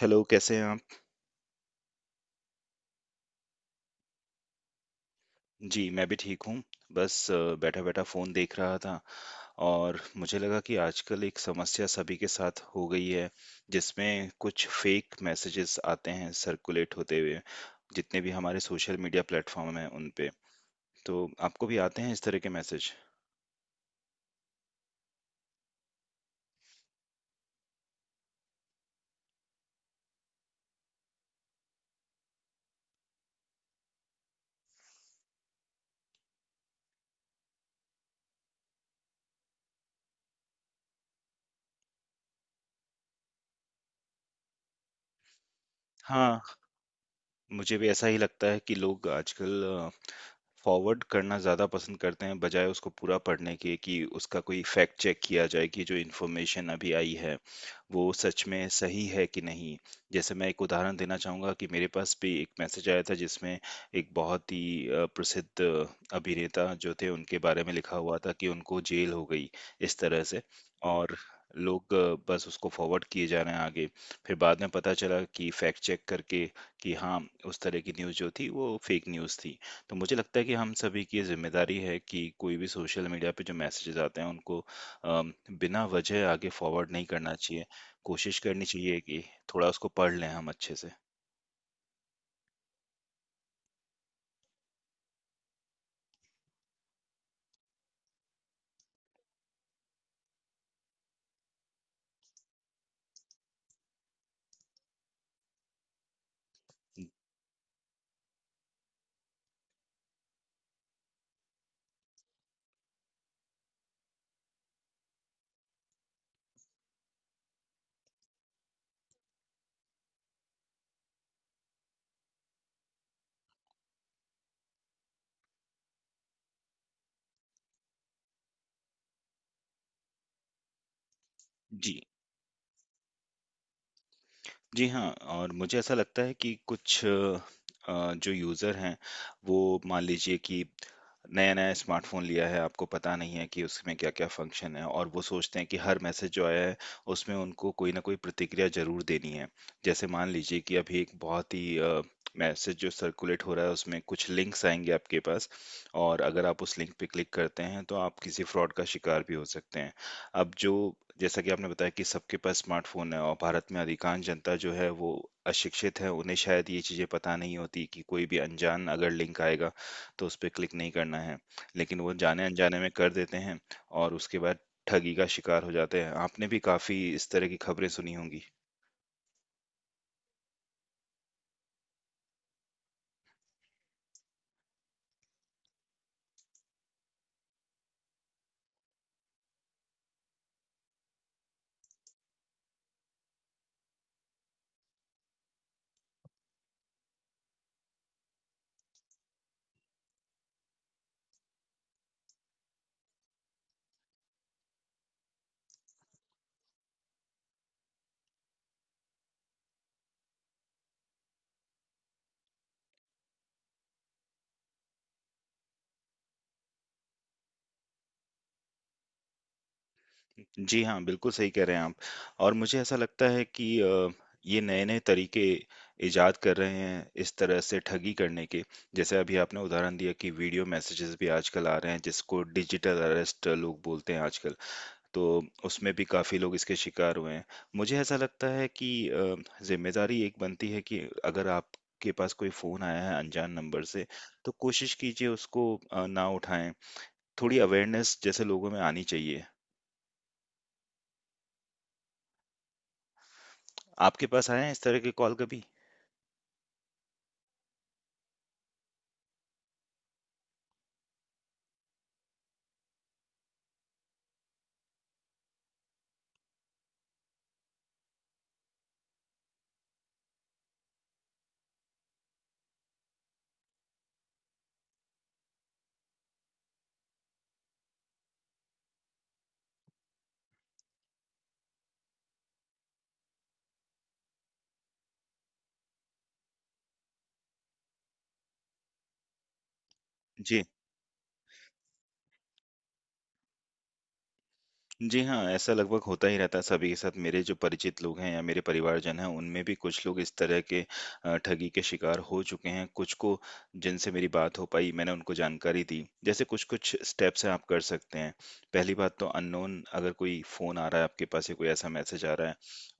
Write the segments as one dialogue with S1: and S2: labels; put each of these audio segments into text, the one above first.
S1: Hello, कैसे हैं आप? जी, मैं भी ठीक हूँ। बस बैठा-बैठा फ़ोन देख रहा था और मुझे लगा कि आजकल एक समस्या सभी के साथ हो गई है, जिसमें कुछ फ़ेक मैसेजेस आते हैं सर्कुलेट होते हुए, जितने भी हमारे सोशल मीडिया प्लेटफ़ॉर्म हैं उन पे। तो आपको भी आते हैं इस तरह के मैसेज? हाँ, मुझे भी ऐसा ही लगता है कि लोग आजकल फॉरवर्ड करना ज़्यादा पसंद करते हैं बजाय उसको पूरा पढ़ने के कि उसका कोई फैक्ट चेक किया जाए कि जो इन्फॉर्मेशन अभी आई है वो सच में सही है कि नहीं। जैसे मैं एक उदाहरण देना चाहूँगा कि मेरे पास भी एक मैसेज आया था जिसमें एक बहुत ही प्रसिद्ध अभिनेता जो थे उनके बारे में लिखा हुआ था कि उनको जेल हो गई इस तरह से। और लोग बस उसको फॉरवर्ड किए जा रहे हैं आगे। फिर बाद में पता चला कि फैक्ट चेक करके कि हाँ, उस तरह की न्यूज़ जो थी वो फेक न्यूज़ थी। तो मुझे लगता है कि हम सभी की ये जिम्मेदारी है कि कोई भी सोशल मीडिया पे जो मैसेजेस आते हैं उनको अम, बिना वजह आगे फॉरवर्ड नहीं करना चाहिए। कोशिश करनी चाहिए कि थोड़ा उसको पढ़ लें हम अच्छे से। जी। जी हाँ, और मुझे ऐसा लगता है कि कुछ जो यूज़र हैं, वो मान लीजिए कि नया-नया स्मार्टफ़ोन लिया है, आपको पता नहीं है कि उसमें क्या-क्या फ़ंक्शन है और वो सोचते हैं कि हर मैसेज जो आया है, उसमें उनको कोई न कोई प्रतिक्रिया ज़रूर देनी है। जैसे मान लीजिए कि अभी एक बहुत ही मैसेज जो सर्कुलेट हो रहा है, उसमें कुछ लिंक्स आएँगे आपके पास और अगर आप उस लिंक पे क्लिक करते हैं, तो आप किसी फ्रॉड का शिकार भी हो सकते हैं। अब जो जैसा कि आपने बताया कि सबके पास स्मार्टफ़ोन है और भारत में अधिकांश जनता जो है वो अशिक्षित है, उन्हें शायद ये चीज़ें पता नहीं होती कि कोई भी अनजान अगर लिंक आएगा, तो उस पे क्लिक नहीं करना है। लेकिन वो जाने-अनजाने में कर देते हैं और उसके बाद ठगी का शिकार हो जाते हैं। आपने भी काफ़ी इस तरह की खबरें सुनी होंगी। जी हाँ, बिल्कुल सही कह रहे हैं आप। और मुझे ऐसा लगता है कि ये नए-नए तरीके इजाद कर रहे हैं इस तरह से ठगी करने के। जैसे अभी आपने उदाहरण दिया कि वीडियो मैसेजेस भी आजकल आ रहे हैं जिसको डिजिटल अरेस्ट लोग बोलते हैं आजकल, तो उसमें भी काफ़ी लोग इसके शिकार हुए हैं। मुझे ऐसा लगता है कि ज़िम्मेदारी एक बनती है कि अगर आपके पास कोई फ़ोन आया है अनजान नंबर से, तो कोशिश कीजिए उसको ना उठाएँ। थोड़ी अवेयरनेस जैसे लोगों में आनी चाहिए। आपके पास आए हैं इस तरह के कॉल कभी? जी। जी हाँ, ऐसा लगभग होता ही रहता है सभी के साथ। मेरे जो परिचित लोग हैं या मेरे परिवारजन हैं, उनमें भी कुछ लोग इस तरह के ठगी के शिकार हो चुके हैं। कुछ को जिनसे मेरी बात हो पाई, मैंने उनको जानकारी दी। जैसे कुछ-कुछ स्टेप्स हैं आप कर सकते हैं। पहली बात तो अननोन अगर कोई फ़ोन आ रहा है आपके पास या कोई ऐसा मैसेज आ रहा है,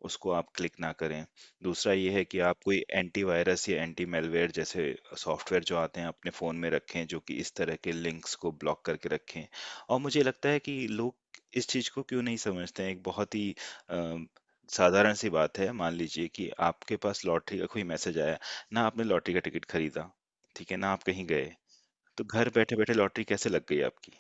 S1: उसको आप क्लिक ना करें। दूसरा ये है कि आप कोई एंटीवायरस या एंटी मैलवेयर जैसे सॉफ्टवेयर जो आते हैं, अपने फ़ोन में रखें, जो कि इस तरह के लिंक्स को ब्लॉक करके रखें। और मुझे लगता है कि लोग इस चीज को क्यों नहीं समझते हैं। एक बहुत ही अ, साधारण सी बात है, मान लीजिए कि आपके पास लॉटरी का कोई मैसेज आया, ना आपने लॉटरी का टिकट खरीदा, ठीक है ना, आप कहीं गए, तो घर बैठे बैठे लॉटरी कैसे लग गई आपकी।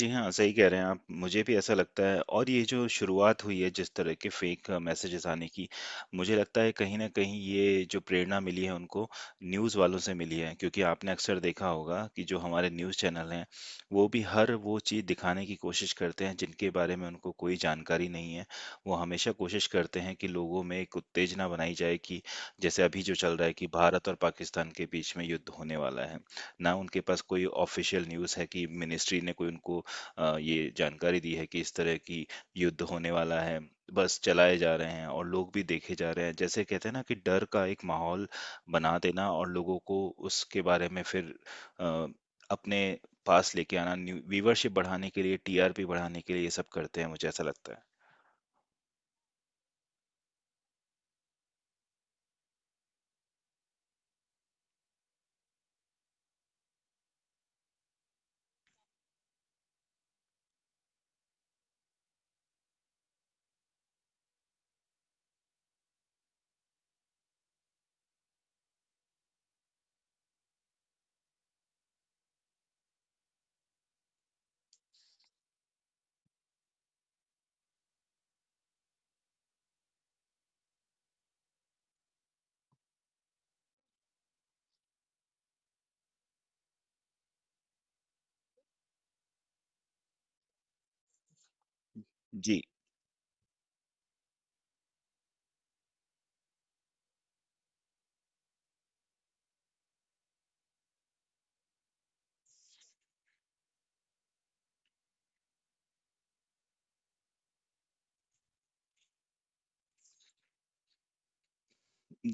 S1: जी हाँ, सही कह रहे हैं आप। मुझे भी ऐसा लगता है और ये जो शुरुआत हुई है जिस तरह के फ़ेक मैसेजेज़ आने की, मुझे लगता है कहीं न कहीं ये जो प्रेरणा मिली है उनको न्यूज़ वालों से मिली है। क्योंकि आपने अक्सर देखा होगा कि जो हमारे न्यूज़ चैनल हैं, वो भी हर वो चीज़ दिखाने की कोशिश करते हैं जिनके बारे में उनको कोई जानकारी नहीं है। वो हमेशा कोशिश करते हैं कि लोगों में एक उत्तेजना बनाई जाए कि जैसे अभी जो चल रहा है कि भारत और पाकिस्तान के बीच में युद्ध होने वाला है। ना उनके पास कोई ऑफिशियल न्यूज़ है कि मिनिस्ट्री ने कोई उनको ये जानकारी दी है कि इस तरह की युद्ध होने वाला है। बस चलाए जा रहे हैं और लोग भी देखे जा रहे हैं। जैसे कहते हैं ना कि डर का एक माहौल बना देना और लोगों को उसके बारे में फिर अ, अपने पास लेके आना, न्यू व्यूवरशिप बढ़ाने के लिए, टीआरपी बढ़ाने के लिए ये सब करते हैं, मुझे ऐसा लगता है। जी।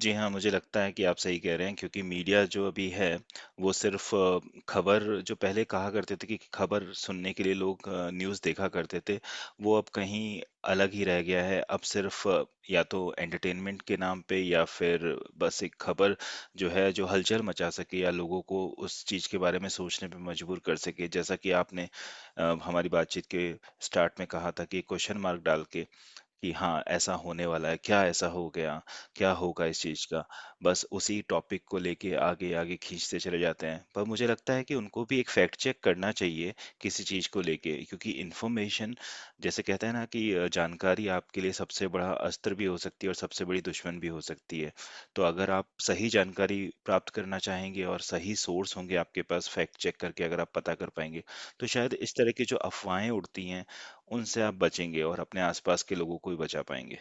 S1: जी हाँ, मुझे लगता है कि आप सही कह रहे हैं क्योंकि मीडिया जो अभी है, वो सिर्फ़ खबर, जो पहले कहा करते थे कि खबर सुनने के लिए लोग न्यूज़ देखा करते थे, वो अब कहीं अलग ही रह गया है। अब सिर्फ़ या तो एंटरटेनमेंट के नाम पे या फिर बस एक खबर जो है, जो हलचल मचा सके या लोगों को उस चीज़ के बारे में सोचने पे मजबूर कर सके। जैसा कि आपने हमारी बातचीत के स्टार्ट में कहा था कि क्वेश्चन मार्क डाल के कि हाँ, ऐसा होने वाला है, क्या ऐसा हो गया? क्या होगा इस चीज़ का? बस उसी टॉपिक को लेके आगे-आगे खींचते चले जाते हैं। पर मुझे लगता है कि उनको भी एक फैक्ट चेक करना चाहिए किसी चीज़ को लेके, क्योंकि इन्फॉर्मेशन, जैसे कहते हैं ना कि जानकारी आपके लिए सबसे बड़ा अस्त्र भी हो सकती है और सबसे बड़ी दुश्मन भी हो सकती है। तो अगर आप सही जानकारी प्राप्त करना चाहेंगे और सही सोर्स होंगे आपके पास, फैक्ट चेक करके अगर आप पता कर पाएँगे, तो शायद इस तरह की जो अफ़वाहें उड़ती हैं उनसे आप बचेंगे और अपने आसपास के लोगों को भी बचा पाएँगे।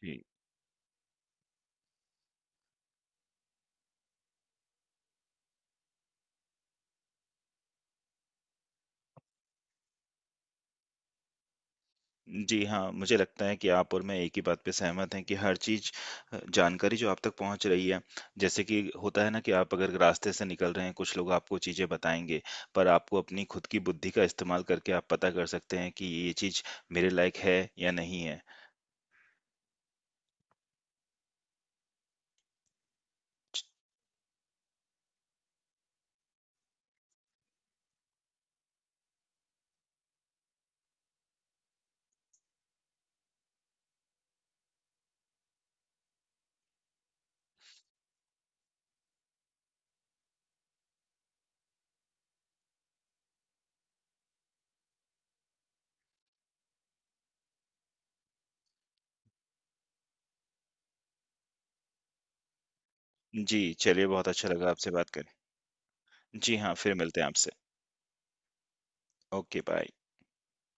S1: जी। जी हाँ, मुझे लगता है कि आप और मैं एक ही बात पे सहमत हैं कि हर चीज़, जानकारी जो आप तक पहुँच रही है, जैसे कि होता है ना कि आप अगर रास्ते से निकल रहे हैं, कुछ लोग आपको चीज़ें बताएँगे, पर आपको अपनी खुद की बुद्धि का इस्तेमाल करके आप पता कर सकते हैं कि ये चीज़ मेरे लायक है या नहीं है। जी, चलिए बहुत अच्छा लगा आपसे बात करके। जी हाँ, फिर मिलते हैं आपसे। Okay, bye.